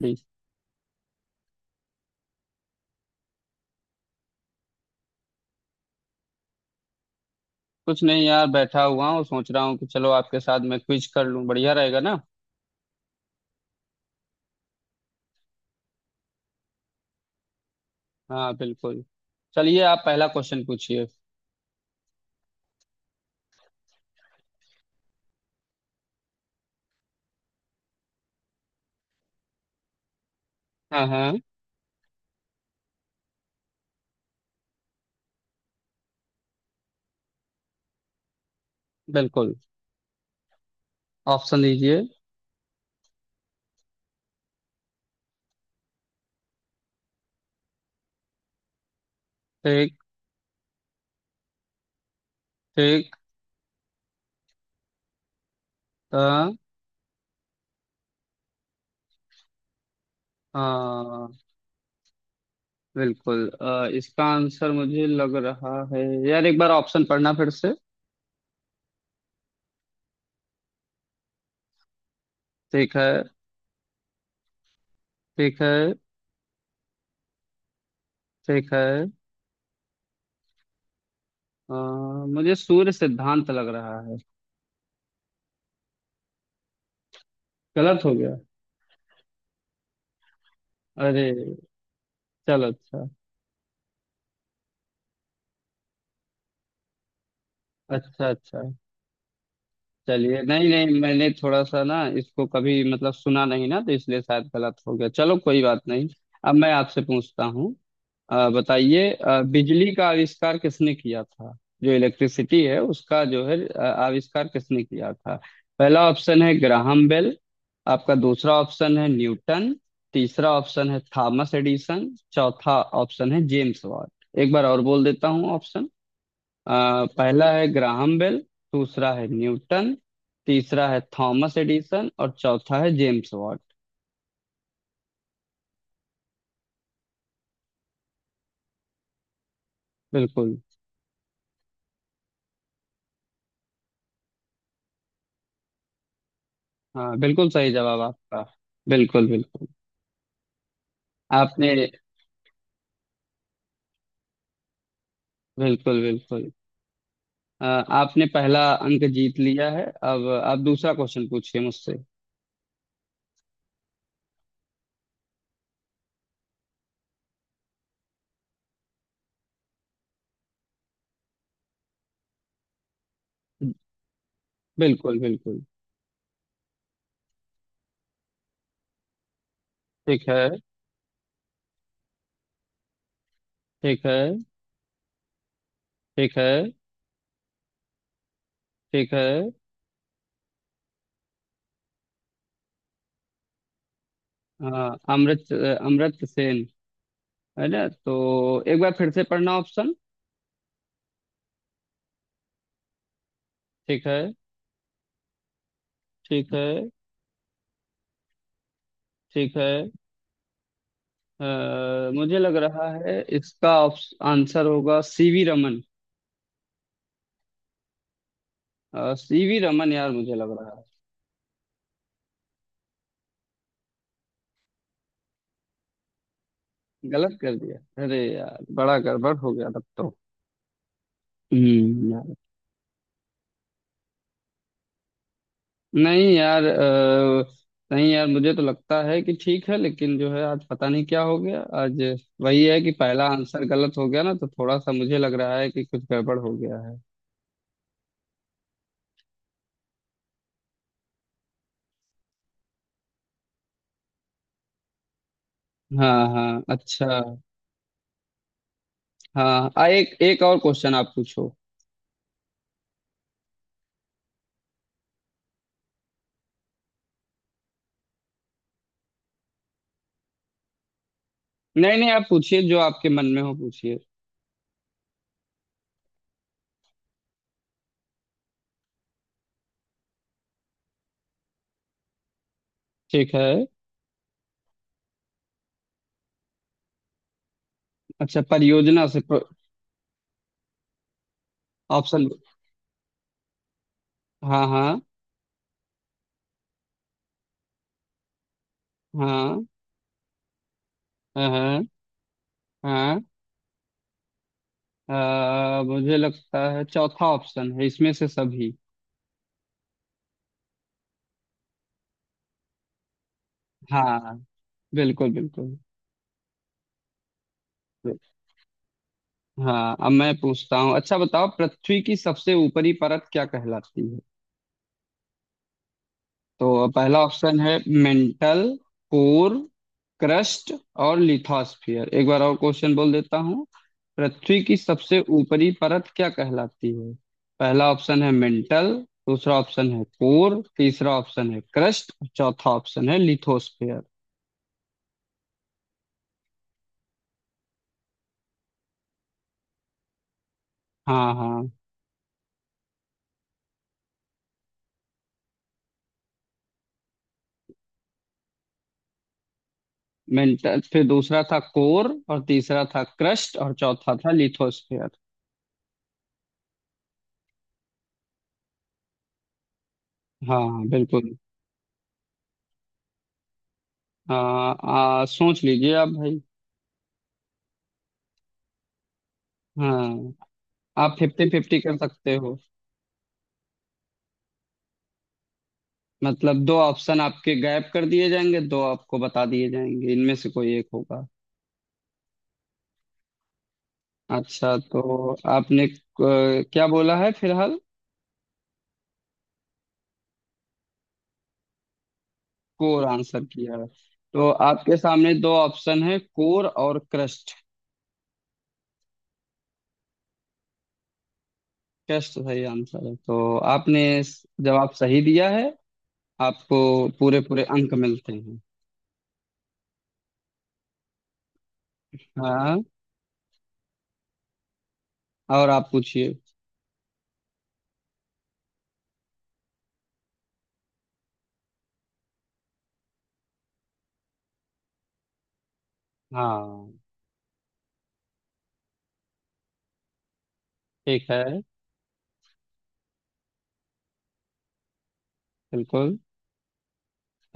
Please. कुछ नहीं यार, बैठा हुआ हूँ सोच रहा हूँ कि चलो आपके साथ मैं क्विज कर लूँ, बढ़िया रहेगा ना। हाँ बिल्कुल, चलिए आप पहला क्वेश्चन पूछिए। हाँ हाँ बिल्कुल। ऑप्शन दीजिए। ठीक। ठीक। अ, हाँ बिल्कुल, इसका आंसर मुझे लग रहा है। यार एक बार ऑप्शन पढ़ना फिर से। ठीक है। ठीक है। ठीक है। अ, मुझे सूर्य सिद्धांत लग रहा है। गलत हो गया। अरे चलो अच्छा। अच्छा अच्छा। चलिए नहीं नहीं, मैंने थोड़ा सा ना इसको कभी मतलब सुना नहीं ना तो इसलिए शायद गलत हो गया, चलो कोई बात नहीं। अब मैं आपसे पूछता हूँ। बताइए बिजली का आविष्कार किसने किया था। जो इलेक्ट्रिसिटी है उसका जो है आविष्कार किसने किया था। पहला ऑप्शन है ग्राहम बेल। आपका दूसरा ऑप्शन है न्यूटन। तीसरा ऑप्शन है थॉमस एडिसन, चौथा ऑप्शन है जेम्स वाट। एक बार और बोल देता हूँ ऑप्शन। अ, पहला है ग्राहम बेल। दूसरा है न्यूटन। तीसरा है थॉमस एडिसन और चौथा है जेम्स वाट। बिल्कुल। हाँ बिल्कुल सही जवाब आपका। बिल्कुल बिल्कुल। आपने। बिल्कुल बिल्कुल। आपने पहला अंक जीत लिया है। अब आप दूसरा क्वेश्चन पूछिए मुझसे। बिल्कुल बिल्कुल। ठीक है। ठीक है। ठीक है। ठीक है। हाँ। अमृत अमृत सेन। है ना, तो एक बार फिर से पढ़ना ऑप्शन। ठीक है। ठीक है। ठीक है। अ, मुझे लग रहा है इसका आंसर होगा सीवी रमन। सीवी रमन यार मुझे लग रहा है। गलत कर दिया। अरे यार बड़ा गड़बड़ हो गया तब तो। यार। नहीं यार, नहीं यार, मुझे तो लगता है कि ठीक है लेकिन जो है, आज पता नहीं क्या हो गया आज। वही है कि पहला आंसर गलत हो गया ना तो थोड़ा सा मुझे लग रहा है कि कुछ गड़बड़ हो गया है। हाँ हाँ अच्छा। हाँ, एक एक और क्वेश्चन आप पूछो। नहीं नहीं, आप पूछिए जो आपके मन में हो पूछिए। ठीक है। अच्छा परियोजना से। ऑप्शन। हाँ हाँ। हाँ हाँ। हाँ। हाँ। मुझे लगता है चौथा ऑप्शन है, इसमें से सभी। हाँ बिल्कुल बिल्कुल। हाँ अब मैं पूछता हूँ। अच्छा बताओ, पृथ्वी की सबसे ऊपरी परत क्या कहलाती है। तो पहला ऑप्शन है मेंटल, कोर, क्रस्ट और लिथोस्फियर। एक बार और क्वेश्चन बोल देता हूँ। पृथ्वी की सबसे ऊपरी परत क्या कहलाती है। पहला ऑप्शन है मेंटल, दूसरा ऑप्शन है कोर, तीसरा ऑप्शन है क्रस्ट और चौथा ऑप्शन है लिथोस्फियर। हाँ। हाँ। मेंटल, फिर दूसरा था कोर और तीसरा था क्रस्ट और चौथा था लिथोस्फियर। हाँ हाँ बिल्कुल। आ, आ, सोच लीजिए आप भाई। हाँ। आप फिफ्टी फिफ्टी कर सकते हो। मतलब दो ऑप्शन आपके गायब कर दिए जाएंगे, दो आपको बता दिए जाएंगे, इनमें से कोई एक होगा। अच्छा तो आपने क्या बोला है फिलहाल। कोर आंसर किया है, तो आपके सामने दो ऑप्शन है कोर और क्रस्ट। क्रस्ट सही आंसर है तो आपने जवाब सही दिया है। आपको पूरे पूरे अंक मिलते हैं। हाँ, और आप पूछिए। हाँ। ठीक है। बिल्कुल।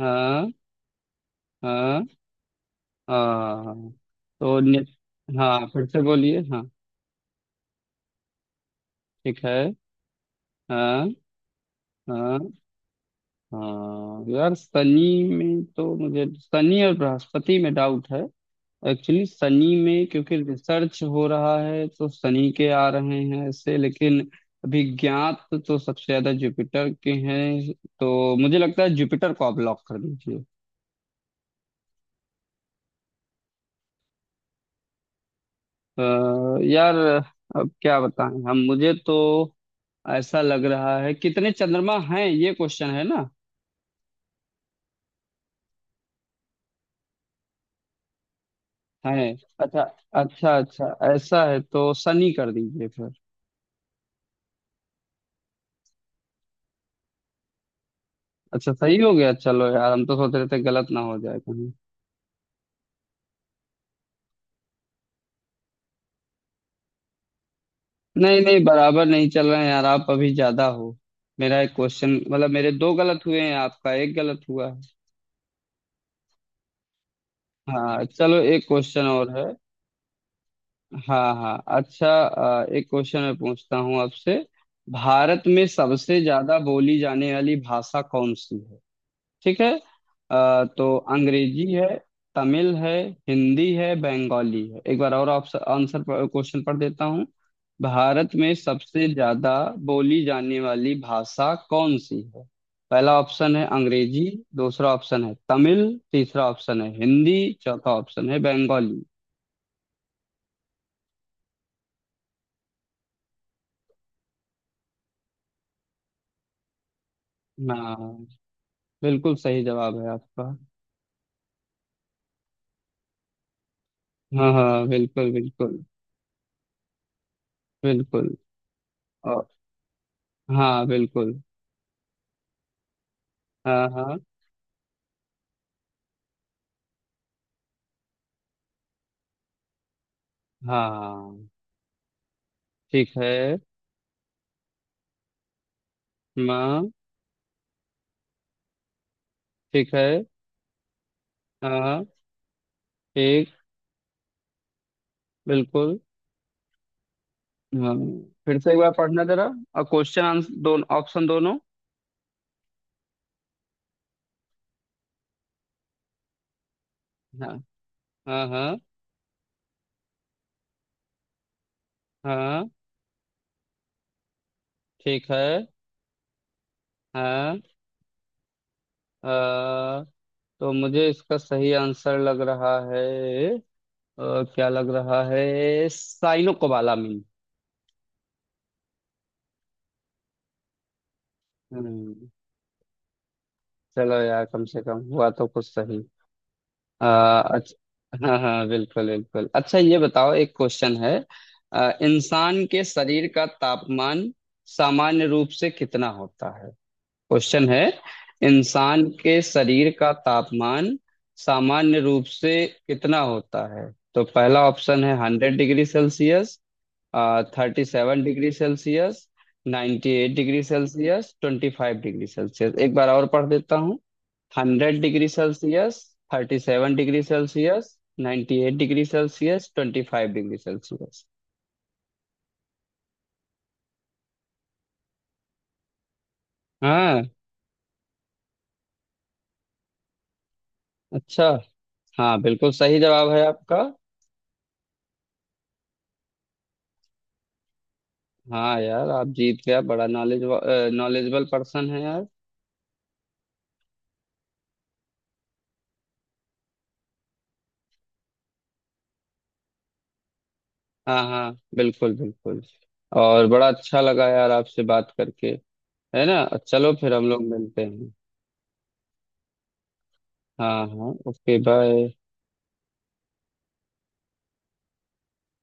हाँ। हाँ। हाँ। तो ने- हाँ फिर से बोलिए, हाँ। ठीक है। हाँ। हाँ। हाँ यार, शनि में तो, मुझे शनि और बृहस्पति में डाउट है। एक्चुअली शनि में क्योंकि रिसर्च हो रहा है तो शनि के आ रहे हैं ऐसे, लेकिन अभी ज्ञात तो सबसे ज्यादा जुपिटर के हैं। तो मुझे लगता है जुपिटर को आप लॉक कर दीजिए। अ, यार अब क्या बताएं हम, मुझे तो ऐसा लग रहा है कितने चंद्रमा हैं, ये क्वेश्चन है ना। हैं। अच्छा। अच्छा अच्छा। ऐसा है तो सनी कर दीजिए फिर। अच्छा सही हो गया, चलो यार हम तो सोच रहे थे गलत ना हो जाए कहीं। नहीं नहीं बराबर नहीं चल रहे हैं यार, आप अभी ज्यादा हो। मेरा एक क्वेश्चन, मतलब मेरे दो गलत हुए हैं, आपका एक गलत हुआ है। हाँ चलो एक क्वेश्चन और है। हाँ हाँ अच्छा। एक क्वेश्चन मैं पूछता हूँ आपसे। भारत में सबसे ज्यादा बोली जाने वाली भाषा कौन सी है। ठीक है। तो अंग्रेजी है, तमिल है, हिंदी है, बंगाली है। एक बार और ऑप्शन आंसर क्वेश्चन पढ़ देता हूँ। भारत में सबसे ज्यादा बोली जाने वाली भाषा कौन सी है। पहला ऑप्शन है अंग्रेजी, दूसरा ऑप्शन है तमिल, तीसरा ऑप्शन है हिंदी, चौथा ऑप्शन है बंगाली। हाँ बिल्कुल सही जवाब है आपका। हाँ हाँ बिल्कुल बिल्कुल। बिल्कुल। और। हाँ बिल्कुल। हाँ हाँ। हाँ। ठीक है। माँ। ठीक है। हाँ। एक। बिल्कुल। हाँ फिर से एक बार पढ़ना जरा, और क्वेश्चन आंसर दोनों, ऑप्शन दोनों। हाँ हाँ। हाँ। हाँ ठीक है। हाँ। अ, तो मुझे इसका सही आंसर लग रहा है, क्या लग रहा है, साइनो कोबालामिन। हम्म। चलो यार कम से कम हुआ तो कुछ सही। अच्छा। हाँ हाँ बिल्कुल बिल्कुल, अच्छा ये बताओ एक क्वेश्चन है। इंसान के शरीर का तापमान सामान्य रूप से कितना होता है। क्वेश्चन है। इंसान के शरीर का तापमान सामान्य रूप से कितना होता है। तो पहला ऑप्शन है 100 degree Celsius, 37 degree Celsius, 98 degree Celsius, 25 degree Celsius. एक बार और पढ़ देता। 100 degree Celsius, thirty seven degree Celsius, ninety eight degree Celsius, twenty five degree Celsius. हाँ। अच्छा। हाँ बिल्कुल सही जवाब है आपका। हाँ यार आप जीत गया, बड़ा नॉलेज, नॉलेजेबल पर्सन है यार। हाँ हाँ बिल्कुल बिल्कुल, और बड़ा अच्छा लगा यार आपसे बात करके, है ना। चलो फिर हम लोग मिलते हैं। हाँ हाँ ओके बाय।